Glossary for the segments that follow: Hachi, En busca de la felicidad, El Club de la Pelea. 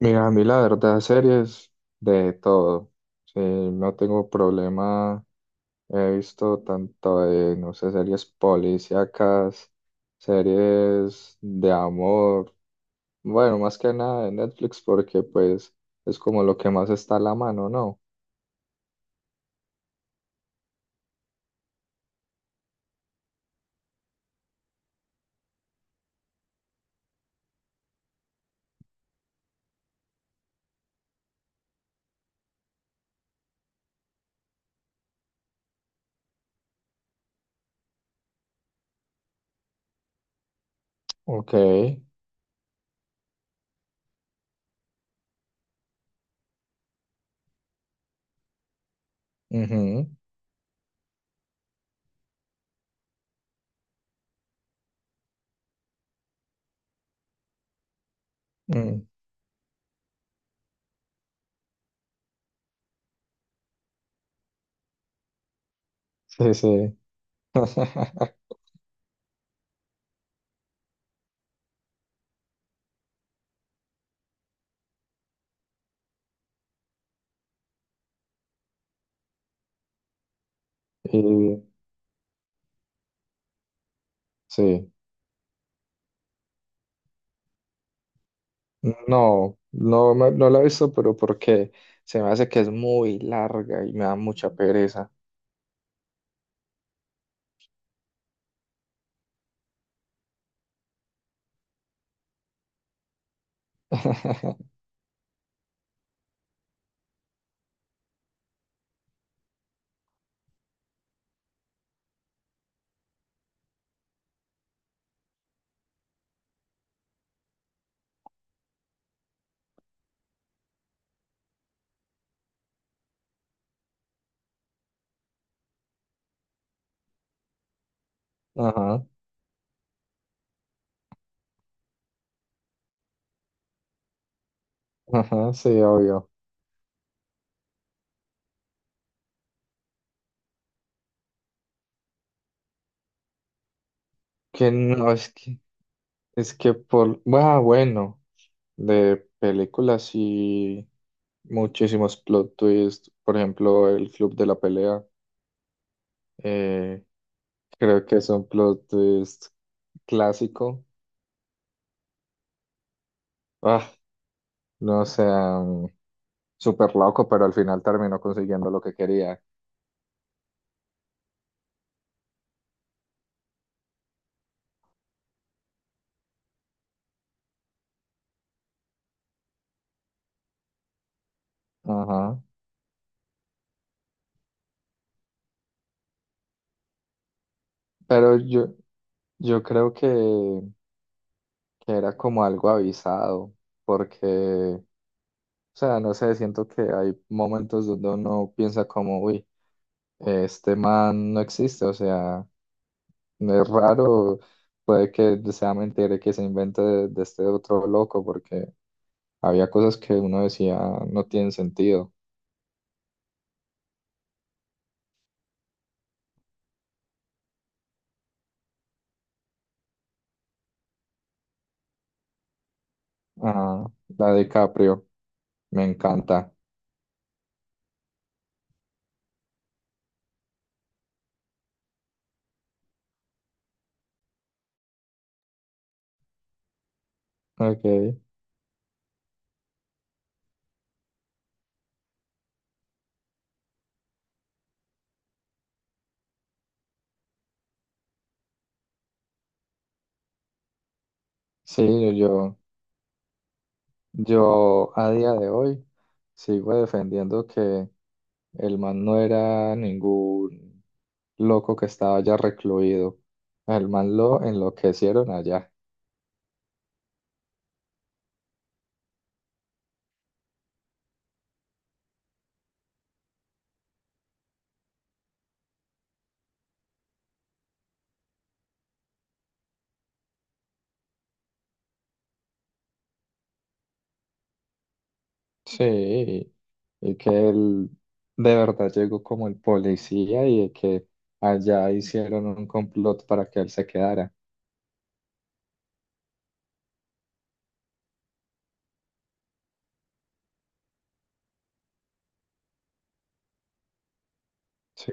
Mira, a mí la verdad, series de todo. Sí, no tengo problema. He visto tanto de, no sé, series policíacas, series de amor. Bueno, más que nada de Netflix porque pues es como lo que más está a la mano, ¿no? Ok, ujú, mm, sí, sí. Y sí. No, no, no la he visto, pero porque se me hace que es muy larga y me da mucha pereza. Ajá, ajá, sí, obvio. Que no, es que por, ah, bueno, de películas y muchísimos plot twists, por ejemplo, El Club de la Pelea, eh, creo que es un plot twist clásico. Ah, no sé, súper loco, pero al final terminó consiguiendo lo que quería. Ajá, pero yo creo que era como algo avisado, porque... O sea, no sé, siento que hay momentos donde uno piensa como, uy, este man no existe, o sea, no es raro, puede que sea mentira y que se invente de este otro loco, porque había cosas que uno decía no tienen sentido. Ah, la de Caprio, me encanta. Ok, sí, yo, yo a día de hoy sigo defendiendo que el man no era ningún loco que estaba allá recluido. El man lo enloquecieron allá. Sí, y que él de verdad llegó como el policía y que allá hicieron un complot para que él se quedara. Sí,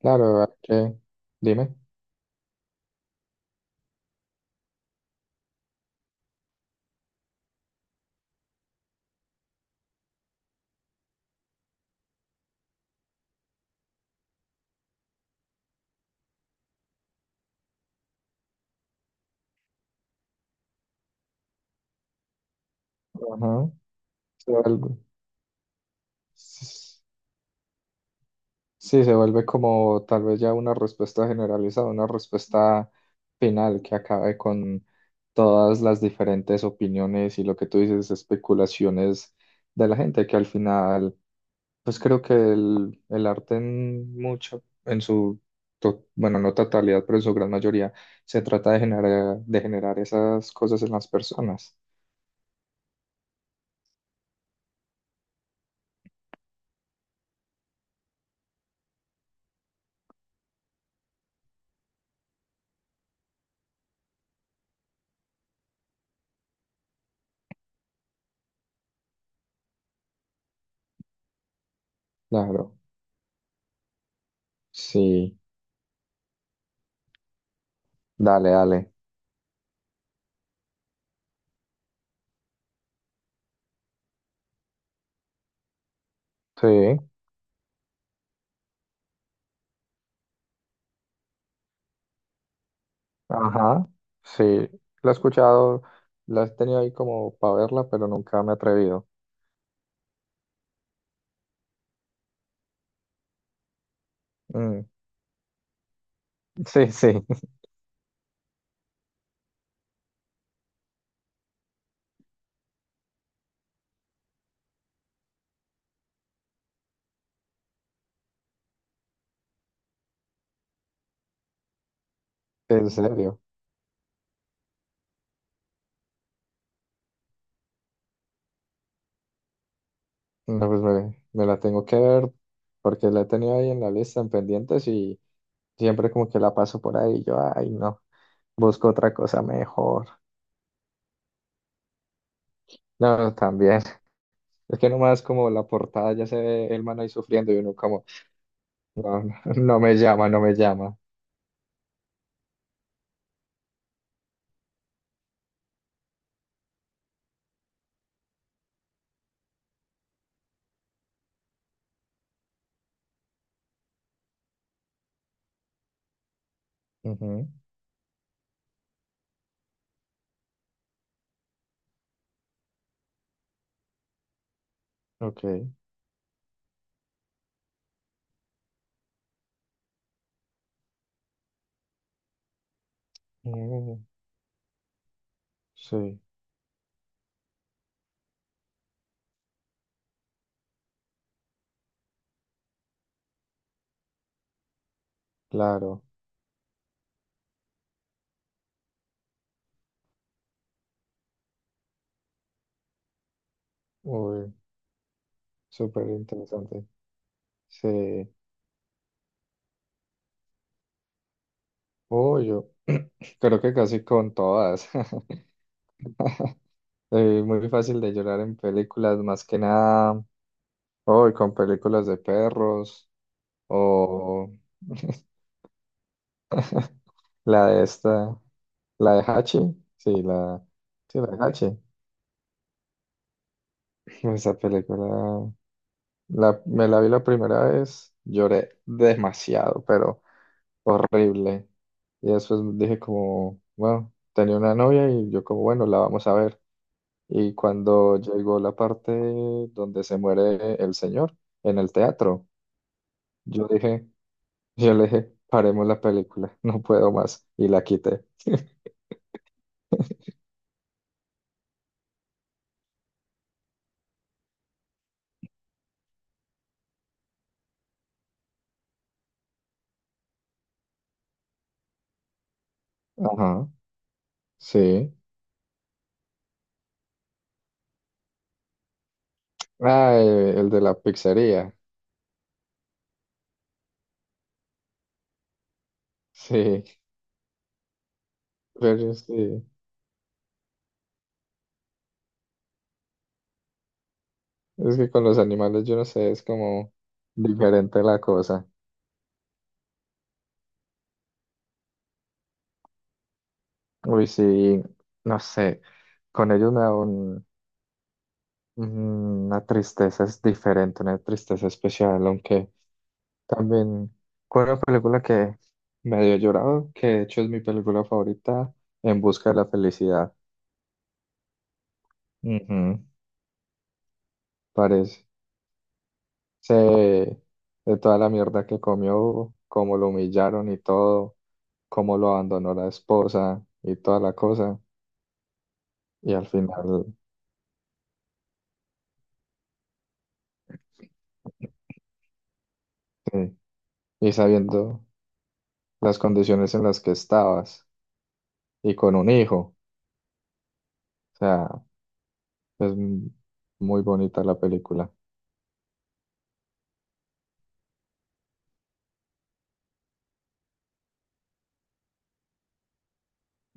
claro, hay que, dime. Ajá, sí, algo. Sí, se vuelve como tal vez ya una respuesta generalizada, una respuesta final que acabe con todas las diferentes opiniones y lo que tú dices, especulaciones de la gente, que al final, pues creo que el arte en mucho, en su, bueno, no totalidad, pero en su gran mayoría, se trata de generar esas cosas en las personas. Claro, sí, dale, dale. Sí. Ajá, sí, la he escuchado, la he tenido ahí como para verla, pero nunca me he atrevido. Mm, sí, sí. ¿En serio? No, pues me la tengo que ver porque la he tenido ahí en la lista en pendientes y siempre como que la paso por ahí y yo, ay, no, busco otra cosa mejor. No, también. Es que nomás como la portada ya se ve el man ahí sufriendo y uno como, no, no me llama, no me llama. Ujú, ok. Mm, sí, claro. Uy. Súper interesante. Sí. Oh, yo creo que casi con todas. Muy fácil de llorar en películas, más que nada. Hoy con películas de perros. O la de esta, la de Hachi. Sí, la, sí, la de Hachi. Esa película, la, me la vi la primera vez, lloré demasiado, pero horrible. Y después dije como, bueno, tenía una novia y yo como, bueno, la vamos a ver. Y cuando llegó la parte donde se muere el señor en el teatro, yo dije, yo le dije, paremos la película, no puedo más. Y la quité. Ajá, sí. Ah, el de la pizzería. Sí, pero sí. Es que con los animales, yo no sé, es como diferente la cosa. Uy, sí, no sé. Con ellos me da un- Una tristeza, es diferente, una tristeza especial, aunque... También fue una película que me dio llorado, que de hecho es mi película favorita, En busca de la felicidad. Ujú, parece de toda la mierda que comió, cómo lo humillaron y todo, cómo lo abandonó la esposa y toda la cosa. Y al final, sí, y sabiendo las condiciones en las que estabas y con un hijo. O sea, es m- muy bonita la película.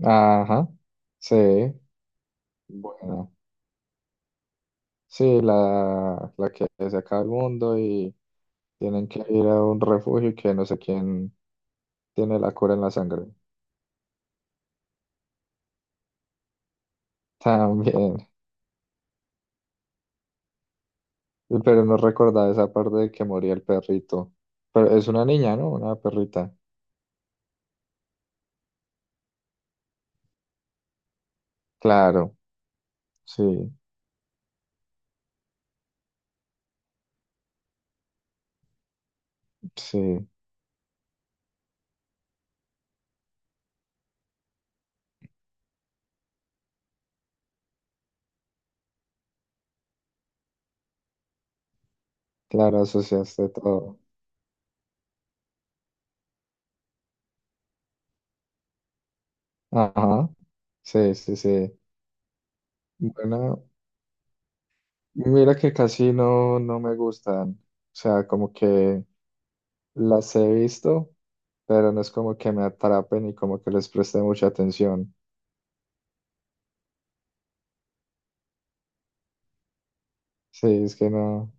Ajá, sí, bueno. Sí, la que se acaba el mundo y tienen que ir a un refugio que no sé quién tiene la cura en la sangre. También, pero no recordaba esa parte de que moría el perrito. Pero es una niña, ¿no? Una perrita. Claro, sí, sí, claro, asociaste todo. Ajá, sí, sí, sí. Bueno, mira que casi no, no me gustan. O sea, como que las he visto pero no es como que me atrapen y como que les preste mucha atención. Sí, es que no.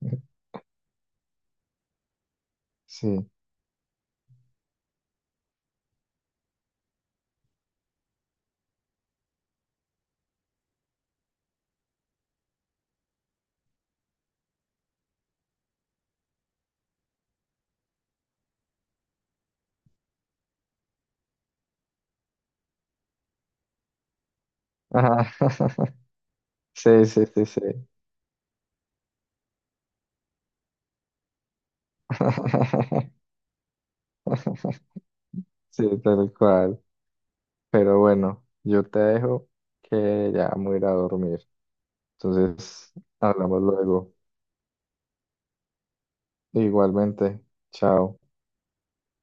Sí. Ajá. Sí, sí, sí, sí. Sí, tal cual. Pero bueno, yo te dejo que ya me voy a ir a dormir. Entonces, hablamos luego. Igualmente. Chao.